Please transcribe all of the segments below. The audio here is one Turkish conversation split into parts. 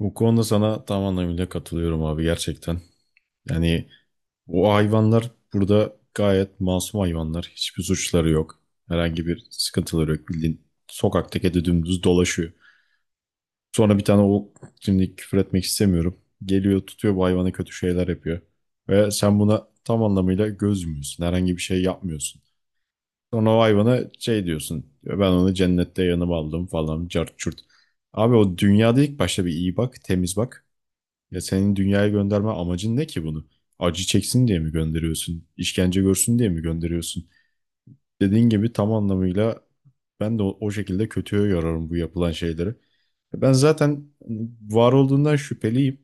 Bu konuda sana tam anlamıyla katılıyorum abi gerçekten. Yani o hayvanlar burada gayet masum hayvanlar. Hiçbir suçları yok. Herhangi bir sıkıntıları yok. Bildiğin sokakta kedi dümdüz dolaşıyor. Sonra bir tane o şimdi küfür etmek istemiyorum. Geliyor tutuyor bu hayvana kötü şeyler yapıyor. Ve sen buna tam anlamıyla göz yumuyorsun. Herhangi bir şey yapmıyorsun. Sonra o hayvana şey diyorsun. Ben onu cennette yanıma aldım falan cart çurt. Abi o dünyada ilk başta bir iyi bak, temiz bak. Ya senin dünyaya gönderme amacın ne ki bunu? Acı çeksin diye mi gönderiyorsun? İşkence görsün diye mi gönderiyorsun? Dediğin gibi tam anlamıyla ben de o şekilde kötüye yorarım bu yapılan şeyleri. E ben zaten hani, var olduğundan şüpheliyim.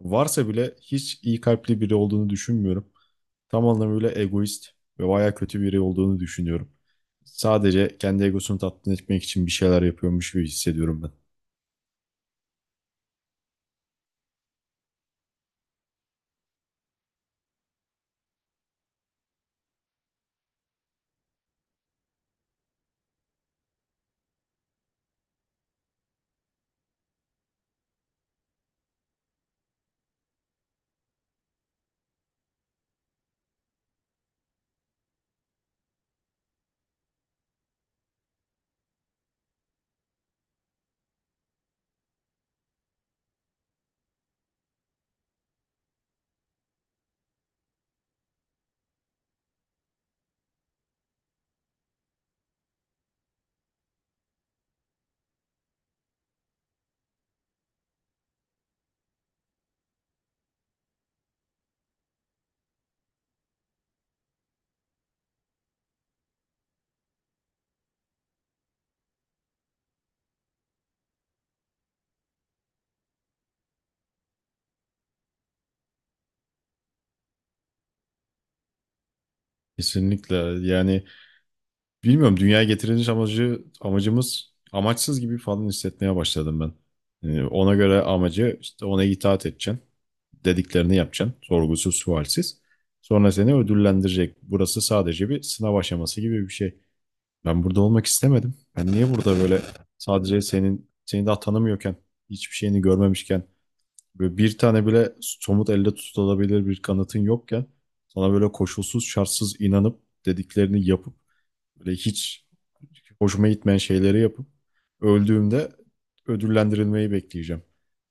Varsa bile hiç iyi kalpli biri olduğunu düşünmüyorum. Tam anlamıyla egoist ve bayağı kötü biri olduğunu düşünüyorum. Sadece kendi egosunu tatmin etmek için bir şeyler yapıyormuş gibi hissediyorum ben. Kesinlikle, yani bilmiyorum, dünyaya getiriliş amacı amacımız amaçsız gibi falan hissetmeye başladım ben. Yani ona göre amacı işte ona itaat edeceksin. Dediklerini yapacaksın. Sorgusuz sualsiz. Sonra seni ödüllendirecek. Burası sadece bir sınav aşaması gibi bir şey. Ben burada olmak istemedim. Ben niye burada böyle sadece senin seni daha tanımıyorken hiçbir şeyini görmemişken böyle bir tane bile somut elde tutulabilir bir kanıtın yokken sana böyle koşulsuz şartsız inanıp dediklerini yapıp böyle hiç hoşuma gitmeyen şeyleri yapıp öldüğümde ödüllendirilmeyi bekleyeceğim.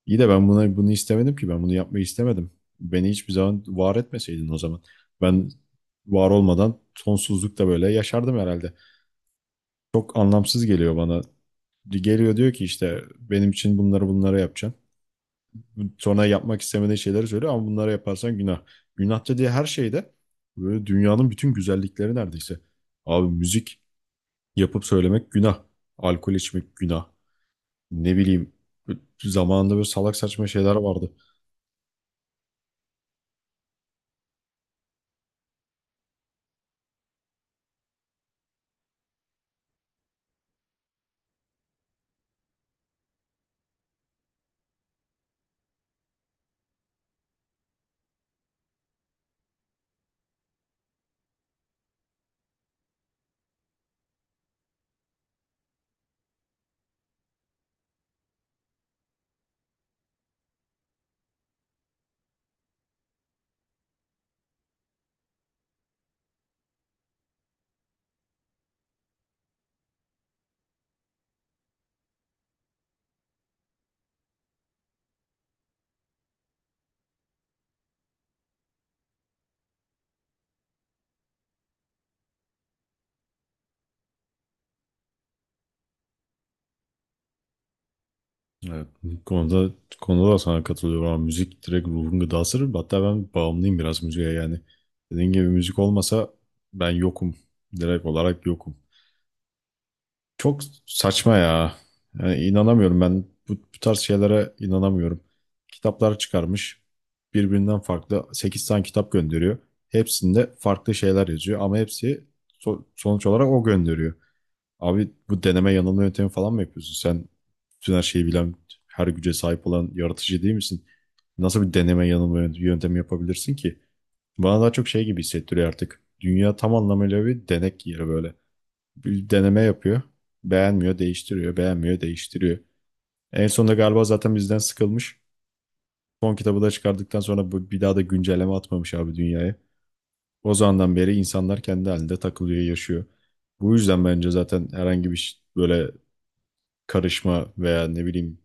İyi de ben buna bunu istemedim ki, ben bunu yapmayı istemedim. Beni hiçbir zaman var etmeseydin o zaman. Ben var olmadan sonsuzlukta böyle yaşardım herhalde. Çok anlamsız geliyor bana. Geliyor diyor ki işte benim için bunları yapacaksın. Sonra yapmak istemediğin şeyleri söylüyor ama bunları yaparsan günah. Günah dediği her şeyde böyle dünyanın bütün güzellikleri neredeyse. Abi müzik yapıp söylemek günah. Alkol içmek günah. Ne bileyim, zamanında böyle salak saçma şeyler vardı. Evet, bu konuda da sana katılıyorum ama müzik direkt ruhun gıdası. Hatta ben bağımlıyım biraz müziğe yani. Dediğin gibi müzik olmasa ben yokum. Direkt olarak yokum. Çok saçma ya. Yani inanamıyorum ben bu tarz şeylere inanamıyorum. Kitaplar çıkarmış. Birbirinden farklı 8 tane kitap gönderiyor. Hepsinde farklı şeyler yazıyor ama hepsi sonuç olarak o gönderiyor. Abi bu deneme yanılma yöntemi falan mı yapıyorsun? Sen bütün her şeyi bilen, her güce sahip olan yaratıcı değil misin? Nasıl bir deneme yanılma yöntemi yapabilirsin ki? Bana daha çok şey gibi hissettiriyor artık. Dünya tam anlamıyla bir denek yeri, böyle bir deneme yapıyor. Beğenmiyor, değiştiriyor, beğenmiyor, değiştiriyor. En sonunda galiba zaten bizden sıkılmış. Son kitabı da çıkardıktan sonra bir daha da güncelleme atmamış abi dünyaya. O zamandan beri insanlar kendi halinde takılıyor, yaşıyor. Bu yüzden bence zaten herhangi bir böyle karışma veya ne bileyim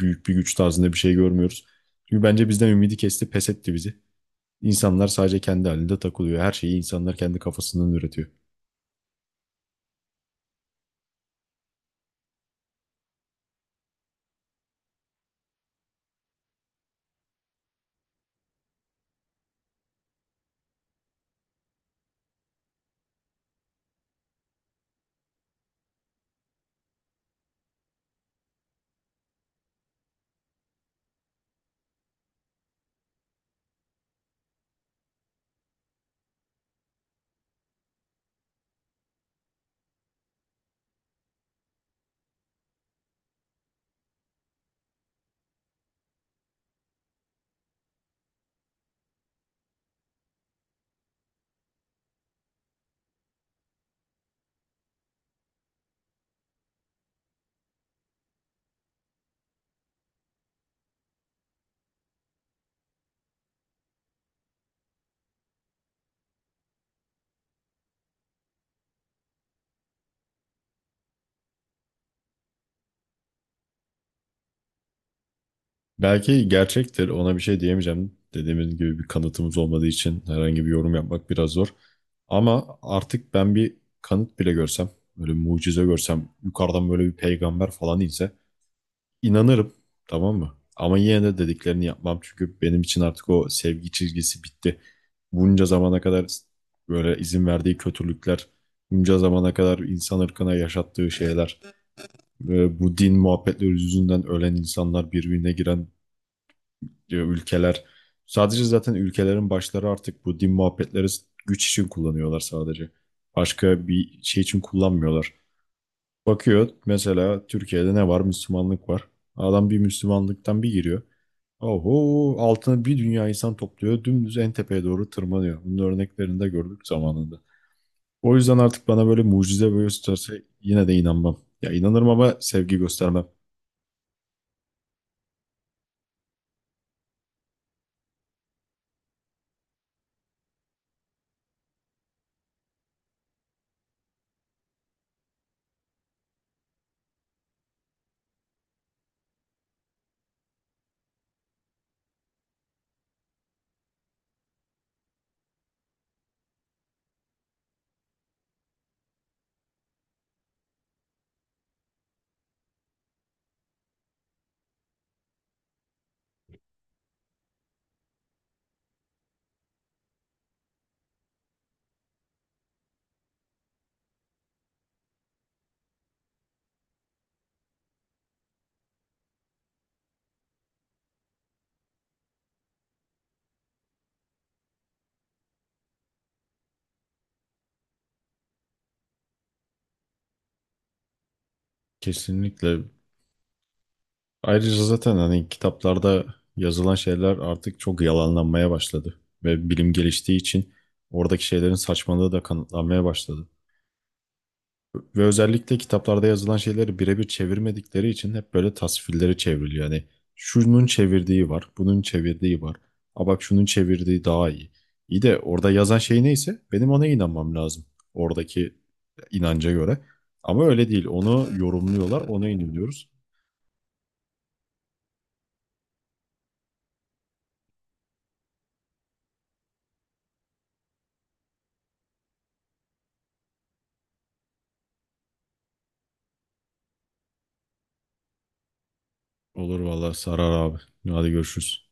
büyük bir güç tarzında bir şey görmüyoruz. Çünkü bence bizden ümidi kesti, pes etti bizi. İnsanlar sadece kendi halinde takılıyor. Her şeyi insanlar kendi kafasından üretiyor. Belki gerçektir, ona bir şey diyemeyeceğim. Dediğimiz gibi bir kanıtımız olmadığı için herhangi bir yorum yapmak biraz zor. Ama artık ben bir kanıt bile görsem, böyle bir mucize görsem, yukarıdan böyle bir peygamber falan inse inanırım, tamam mı? Ama yine de dediklerini yapmam çünkü benim için artık o sevgi çizgisi bitti. Bunca zamana kadar böyle izin verdiği kötülükler, bunca zamana kadar insan ırkına yaşattığı şeyler, ve bu din muhabbetleri yüzünden ölen insanlar, birbirine giren diyor ülkeler. Sadece zaten ülkelerin başları artık bu din muhabbetleri güç için kullanıyorlar sadece. Başka bir şey için kullanmıyorlar. Bakıyor mesela Türkiye'de ne var? Müslümanlık var. Adam bir Müslümanlıktan bir giriyor. Oho, altına bir dünya insan topluyor. Dümdüz en tepeye doğru tırmanıyor. Bunun örneklerini de gördük zamanında. O yüzden artık bana böyle mucize böyle tutarsa yine de inanmam. Ya inanırım ama sevgi göstermem. Kesinlikle. Ayrıca zaten hani kitaplarda yazılan şeyler artık çok yalanlanmaya başladı. Ve bilim geliştiği için oradaki şeylerin saçmalığı da kanıtlanmaya başladı. Ve özellikle kitaplarda yazılan şeyleri birebir çevirmedikleri için hep böyle tasvirleri çevriliyor. Yani şunun çevirdiği var, bunun çevirdiği var. A bak, şunun çevirdiği daha iyi. İyi de orada yazan şey neyse benim ona inanmam lazım. Oradaki inanca göre. Ama öyle değil. Onu yorumluyorlar, ona inanıyoruz. Olur vallahi, sarar abi. Hadi görüşürüz.